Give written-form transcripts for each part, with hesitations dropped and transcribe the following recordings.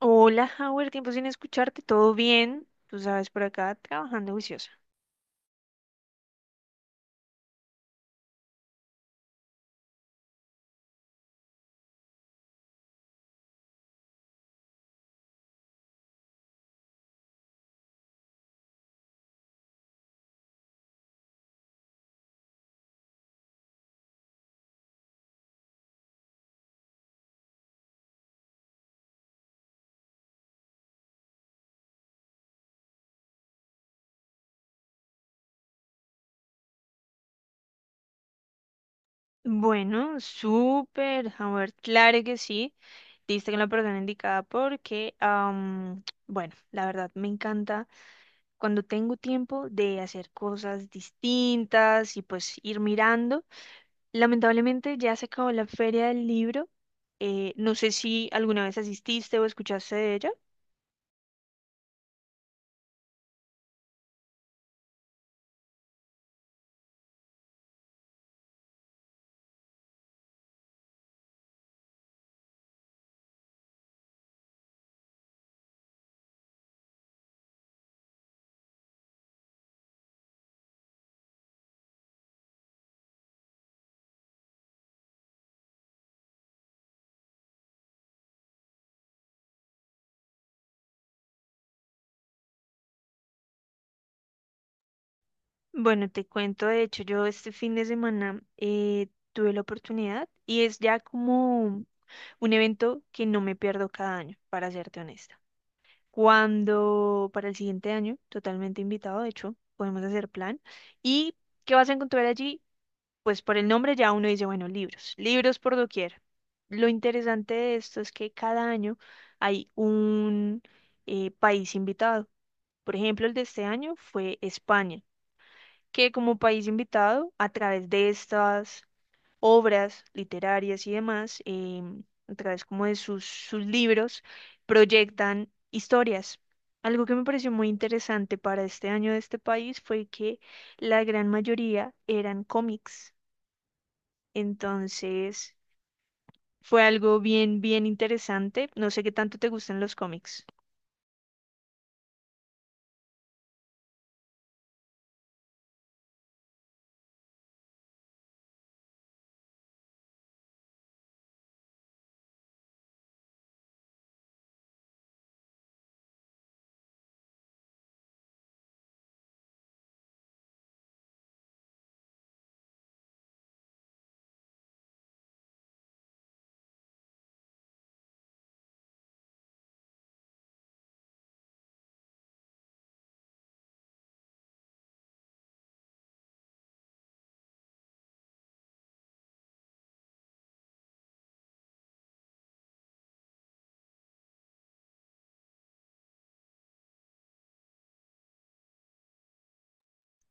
Hola, Howard, tiempo sin escucharte, ¿todo bien? Tú sabes, por acá trabajando juiciosa. Bueno, súper, Howard, claro que sí. Diste con la persona indicada porque, bueno, la verdad me encanta cuando tengo tiempo de hacer cosas distintas y pues ir mirando. Lamentablemente ya se acabó la feria del libro. No sé si alguna vez asististe o escuchaste de ella. Bueno, te cuento, de hecho, yo este fin de semana tuve la oportunidad y es ya como un evento que no me pierdo cada año, para serte honesta. Cuando para el siguiente año, totalmente invitado, de hecho, podemos hacer plan. ¿Y qué vas a encontrar allí? Pues por el nombre ya uno dice, bueno, libros, libros por doquier. Lo interesante de esto es que cada año hay un país invitado. Por ejemplo, el de este año fue España que como país invitado, a través de estas obras literarias y demás, a través como de sus libros, proyectan historias. Algo que me pareció muy interesante para este año de este país fue que la gran mayoría eran cómics. Entonces, fue algo bien, bien interesante. No sé qué tanto te gustan los cómics.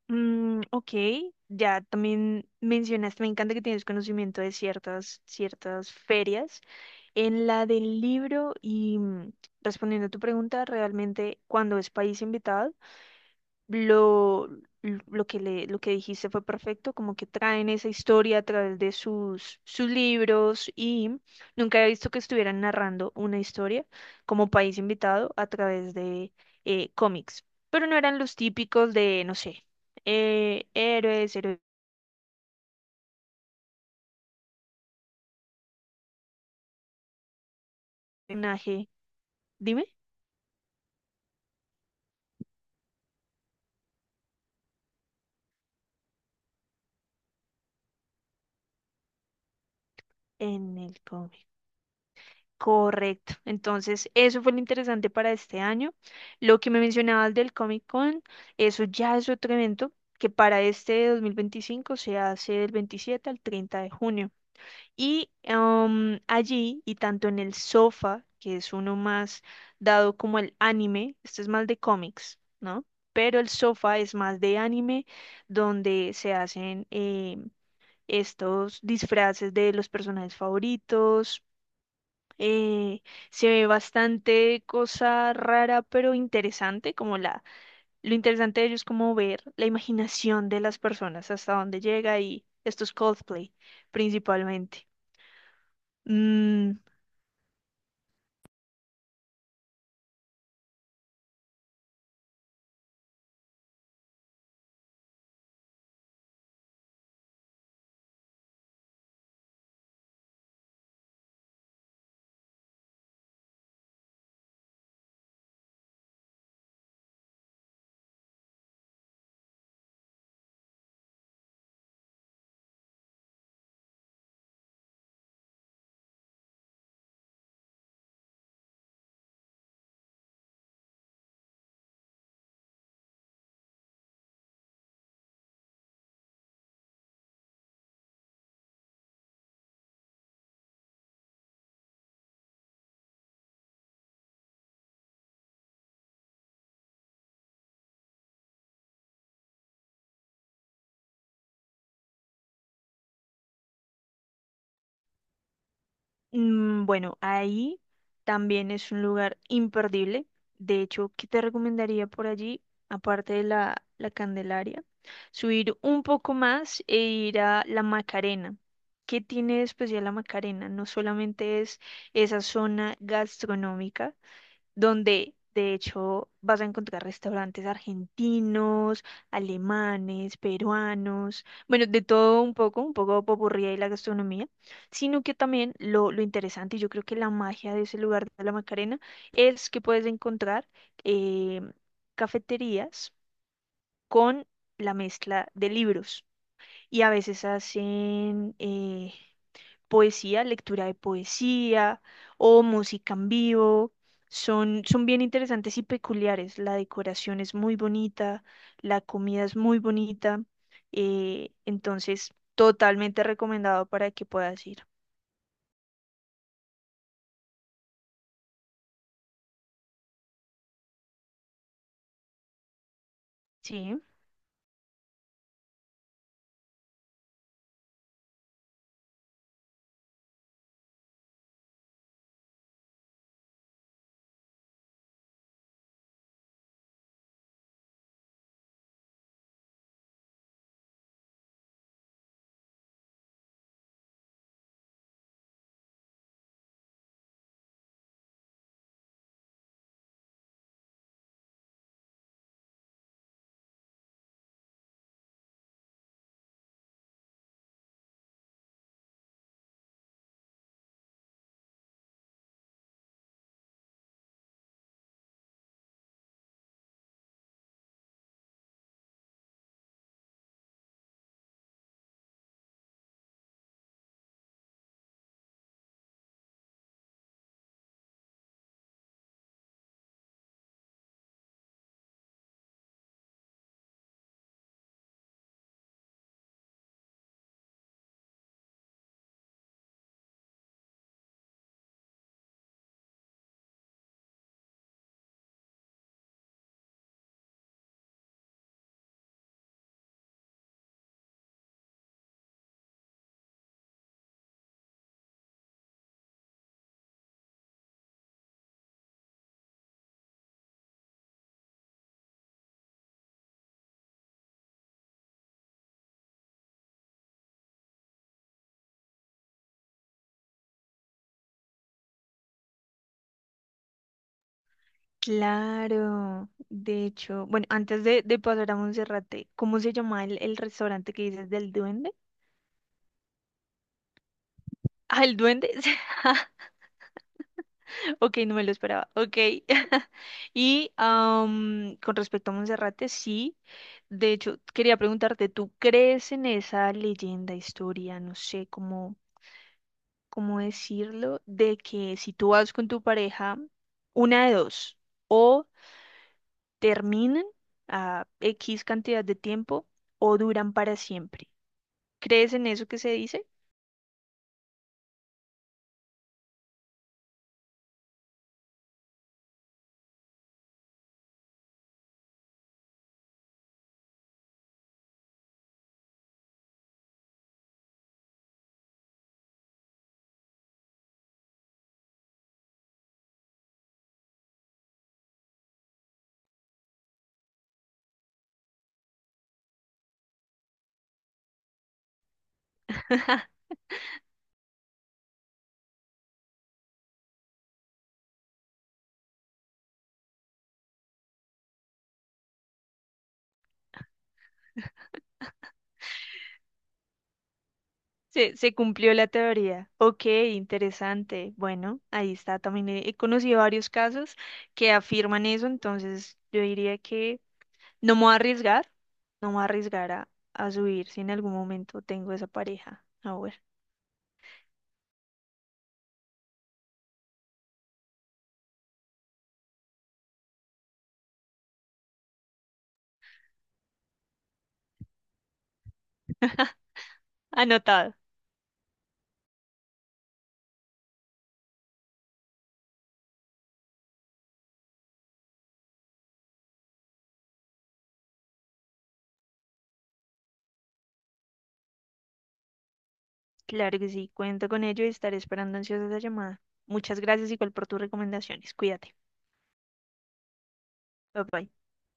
Mm, ok, ya también mencionaste, me encanta que tienes conocimiento de ciertas, ciertas ferias. En la del libro y mm, respondiendo a tu pregunta, realmente cuando es país invitado, lo, lo que dijiste fue perfecto, como que traen esa historia a través de sus libros y mm, nunca he visto que estuvieran narrando una historia como país invitado a través de cómics, pero no eran los típicos de, no sé, héroes, héroe- personaje, dime, en el cómic. Correcto. Entonces, eso fue lo interesante para este año. Lo que me mencionabas del Comic Con, eso ya es otro evento que para este 2025 se hace del 27 al 30 de junio. Y allí, y tanto en el sofá, que es uno más dado como el anime, este es más de cómics, ¿no? Pero el sofá es más de anime, donde se hacen estos disfraces de los personajes favoritos, eh, se ve bastante cosa rara pero interesante, como lo interesante de ellos es como ver la imaginación de las personas hasta dónde llega y esto es Coldplay principalmente. Mm, Bueno, ahí también es un lugar imperdible. De hecho, ¿qué te recomendaría por allí, aparte de la Candelaria? Subir un poco más e ir a la Macarena. ¿Qué tiene de especial la Macarena? No solamente es esa zona gastronómica, donde de hecho vas a encontrar restaurantes argentinos, alemanes, peruanos, bueno, de todo un poco popurrí y la gastronomía, sino que también lo interesante, y yo creo que la magia de ese lugar de la Macarena, es que puedes encontrar eh, cafeterías con la mezcla de libros. Y a veces hacen poesía, lectura de poesía o música en vivo. Son, son bien interesantes y peculiares. La decoración es muy bonita, la comida es muy bonita. Entonces, totalmente recomendado para que puedas ir. Sí, claro. De hecho, bueno, antes de pasar a Monserrate, ¿cómo se llama el restaurante que dices del duende? Ah, el duende. Ok, no me lo esperaba. Ok. Y con respecto a Monserrate, sí. De hecho, quería preguntarte, ¿tú crees en esa leyenda, historia, no sé cómo, cómo decirlo, de que si tú vas con tu pareja, una de dos, o terminan a X cantidad de tiempo o duran para siempre? ¿Crees en eso que se dice? Se cumplió la teoría. Ok, interesante. Bueno, ahí está. También he conocido varios casos que afirman eso, entonces yo diría que no me voy a arriesgar, no me voy a arriesgar a subir si en algún momento tengo esa pareja. Ahora, anotado. Claro que sí, cuento con ello y estaré esperando ansiosa esa llamada. Muchas gracias igual por tus recomendaciones. Cuídate. Bye bye.